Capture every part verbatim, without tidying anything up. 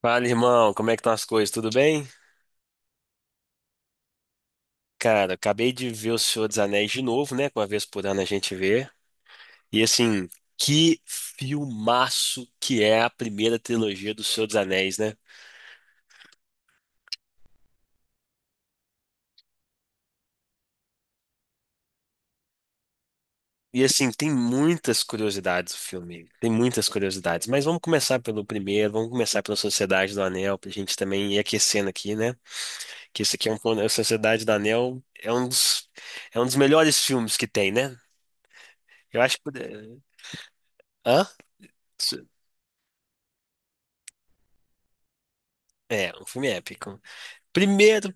Fala, irmão, como é que estão as coisas? Tudo bem? Cara, acabei de ver O Senhor dos Anéis de novo, né? que uma vez por ano a gente vê. E assim, que filmaço que é a primeira trilogia do Senhor dos Anéis, né? E assim, tem muitas curiosidades o filme, tem muitas curiosidades. Mas vamos começar pelo primeiro, vamos começar pela Sociedade do Anel, pra gente também ir aquecendo aqui, né? Que esse aqui é um, a Sociedade do Anel é um dos, é um dos melhores filmes que tem, né? Eu acho que. eh, Hã? É, um filme épico. Primeiro,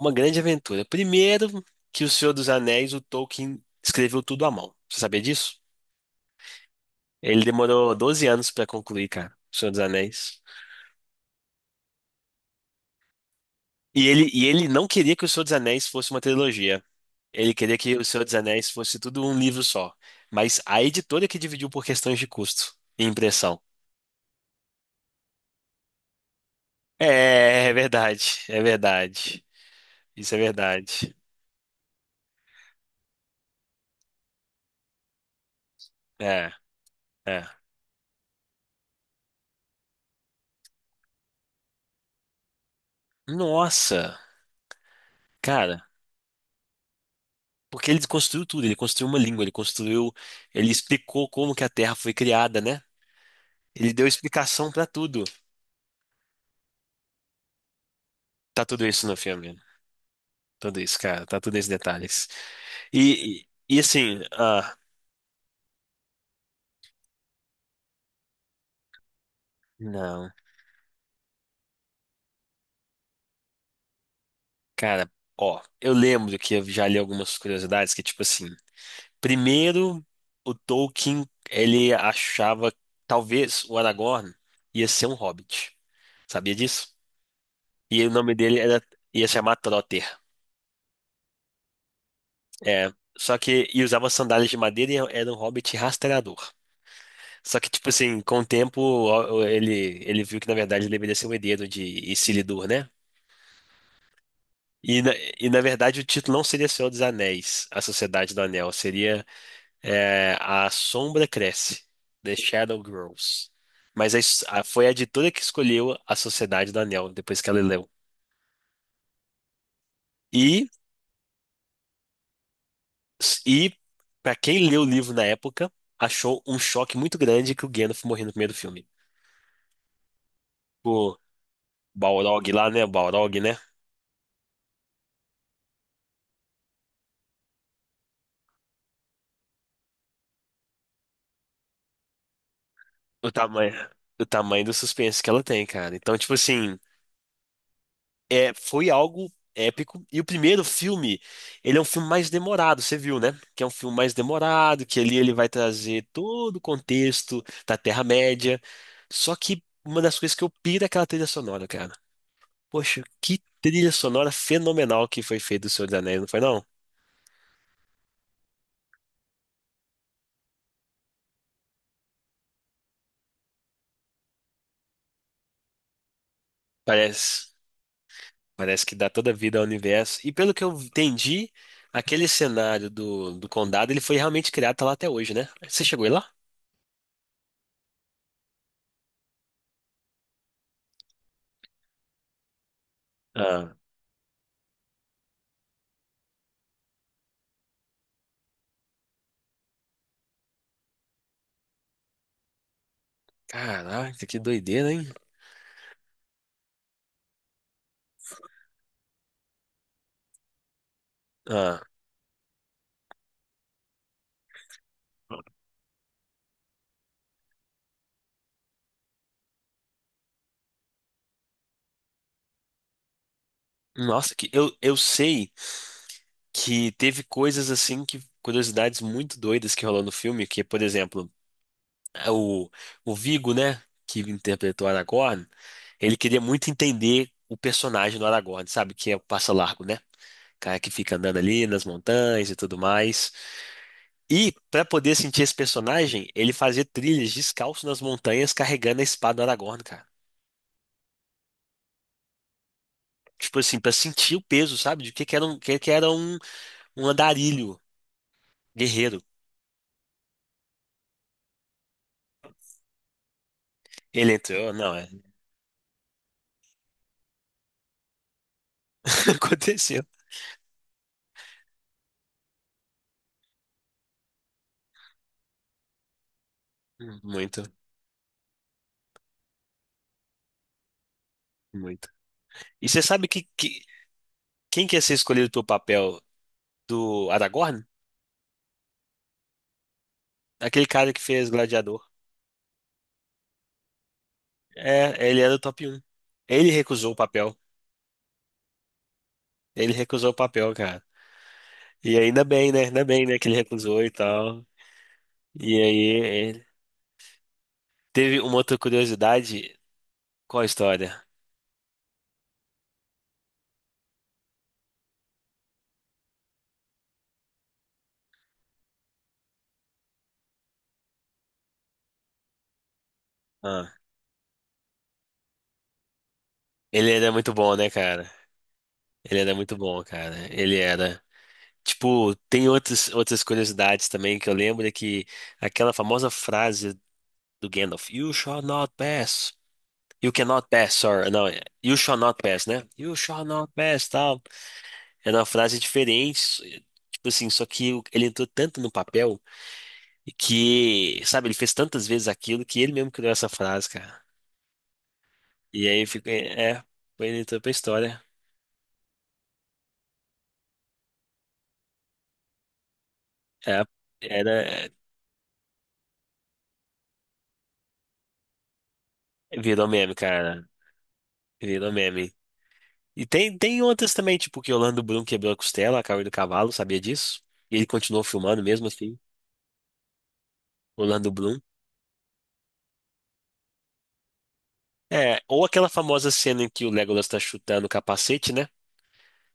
uma grande aventura. Primeiro, que O Senhor dos Anéis, o Tolkien escreveu tudo à mão. Você sabia disso? Ele demorou doze anos pra concluir, cara, O Senhor dos Anéis. E ele, e ele não queria que O Senhor dos Anéis fosse uma trilogia. Ele queria que O Senhor dos Anéis fosse tudo um livro só. Mas a editora que dividiu por questões de custo e impressão. É, é verdade, é verdade. Isso é verdade. É, é. Nossa, cara. Porque ele construiu tudo, ele construiu uma língua, ele construiu, ele explicou como que a Terra foi criada, né? Ele deu explicação pra tudo. Tá tudo isso no filme, tudo isso, cara, tá tudo esses detalhes. E, e, e assim, ah, não, cara, ó, eu lembro que eu, já li algumas curiosidades que tipo assim, primeiro o Tolkien ele achava que talvez o Aragorn ia ser um hobbit, sabia disso? E o nome dele era ia se chamar Trotter. É, só que e usava sandálias de madeira e era um hobbit rastreador. Só que tipo assim, com o tempo ó, ó, ele ele viu que na verdade ele deveria ser o herdeiro de Isildur, né? E na, e na verdade o título não seria Senhor dos Anéis, A Sociedade do Anel, seria é, A Sombra Cresce, The Shadow Grows. Mas a his- a- foi a editora que escolheu A Sociedade do Anel depois que ela leu. E e para quem leu o livro na época, achou um choque muito grande que o Gandalf morreu no primeiro filme. Balrog lá, né? Balrog, né? O tamanho, o tamanho do suspense que ela tem, cara. Então, tipo assim, é, foi algo épico. E o primeiro filme, ele é um filme mais demorado, você viu, né? Que é um filme mais demorado, que ali ele vai trazer todo o contexto da Terra-média. Só que uma das coisas que eu piro é aquela trilha sonora, cara. Poxa, que trilha sonora fenomenal que foi feita do Senhor dos Anéis, não foi não? Parece. Parece que dá toda vida ao universo. E pelo que eu entendi, aquele cenário do, do condado, ele foi realmente criado, tá lá até hoje, né? Você chegou aí lá? Ah, caraca, que doideira, hein? Ah, nossa, que eu, eu sei que teve coisas assim que curiosidades muito doidas que rolou no filme, que, por exemplo, é o, o Viggo, né, que interpretou Aragorn, ele queria muito entender o personagem do Aragorn, sabe, que é o Passa Largo, né? Cara que fica andando ali nas montanhas e tudo mais. E, para poder sentir esse personagem, ele fazia trilhas descalço nas montanhas carregando a espada do Aragorn, cara. Tipo assim, para sentir o peso, sabe? De que que era um, que que era um, um andarilho guerreiro. Ele entrou, não, é. Aconteceu. Muito, muito. E você sabe que, que- quem que ia ser escolhido pro papel do Aragorn? Aquele cara que fez Gladiador. É, ele era o top um. Ele recusou o papel. Ele recusou o papel, cara. E ainda bem, né? Ainda bem, né, que ele recusou e tal. E aí, teve uma outra curiosidade. Qual a história? Ah, ele era muito bom, né, cara? Ele era muito bom, cara. Ele era. Tipo, tem outras, outras curiosidades também que eu lembro é que aquela famosa frase do Gandalf, You shall not pass. You cannot pass, sorry. Não, é, you shall not pass, né? You shall not pass, tal. Era uma frase diferente. Tipo assim, só que o- ele entrou tanto no papel e que, sabe, ele fez tantas vezes aquilo que ele mesmo criou essa frase, e aí fica, é, foi ele entrou pra história. É, era, virou meme, cara. Virou meme. E tem, tem outras também, tipo que o Orlando Bloom quebrou a costela, caiu do cavalo, sabia disso? E ele continuou filmando mesmo assim, o Orlando Bloom. É, ou aquela famosa cena em que o Legolas tá chutando o capacete, né?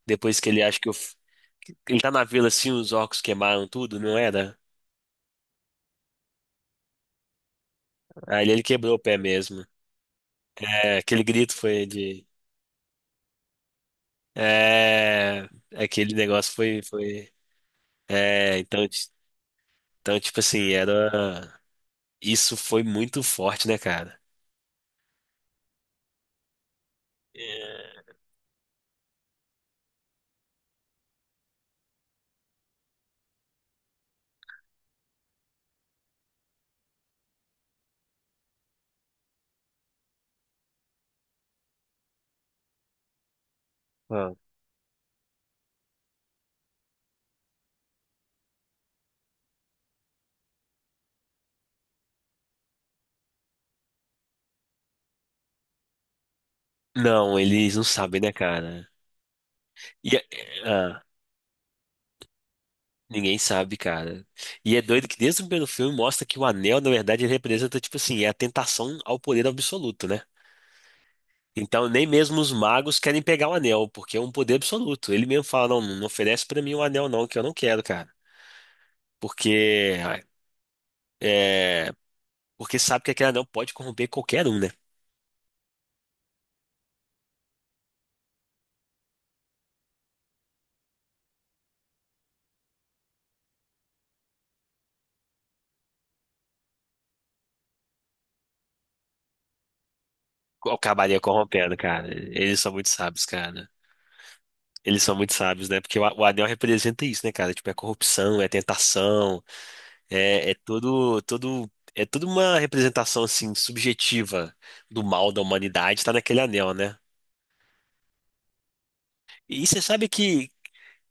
Depois que ele acha que o, f- ele tá na vila assim, os orcos queimaram tudo, não era? Aí ele quebrou o pé mesmo. É, aquele grito foi de. É, aquele negócio foi, foi. É, então, ti- então, tipo assim, era. Isso foi muito forte, né, cara? É. Ah. Não, eles não sabem, né, cara? E, é- ah, ninguém sabe, cara. E é doido que desde o primeiro filme mostra que o anel, na verdade, ele representa, tipo assim, é a tentação ao poder absoluto, né? Então, nem mesmo os magos querem pegar o anel, porque é um poder absoluto. Ele mesmo fala: não, não oferece pra mim o anel, não, que eu não quero, cara. Porque. É, porque sabe que aquele anel pode corromper qualquer um, né? Acabaria corrompendo, cara. Eles são muito sábios, cara. Eles são muito sábios, né? Porque o, a- o anel representa isso, né, cara? Tipo, é corrupção, é tentação, é, é todo, todo, é toda uma representação, assim, subjetiva do mal da humanidade, tá naquele anel, né? E você sabe que,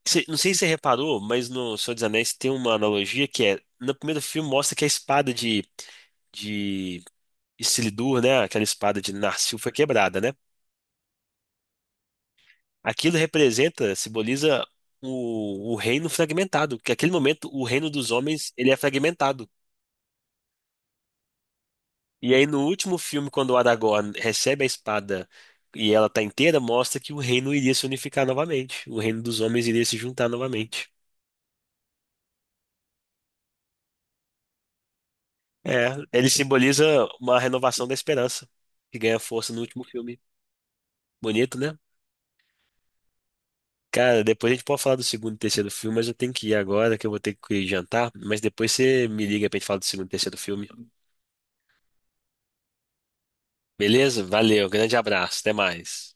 cê- não sei se você reparou, mas no Senhor dos Anéis tem uma analogia que é, no primeiro filme mostra que a espada de, de, Isildur, né? Aquela espada de Narsil foi quebrada, né? Aquilo representa, simboliza o, o reino fragmentado, que naquele momento o reino dos homens ele é fragmentado. E aí no último filme, quando o Aragorn recebe a espada e ela tá inteira, mostra que o reino iria se unificar novamente, o reino dos homens iria se juntar novamente. É, ele simboliza uma renovação da esperança, que ganha força no último filme. Bonito, né? Cara, depois a gente pode falar do segundo e terceiro filme, mas eu tenho que ir agora, que eu vou ter que ir jantar. Mas depois você me liga pra gente falar do segundo e terceiro filme. Beleza? Valeu, grande abraço, até mais.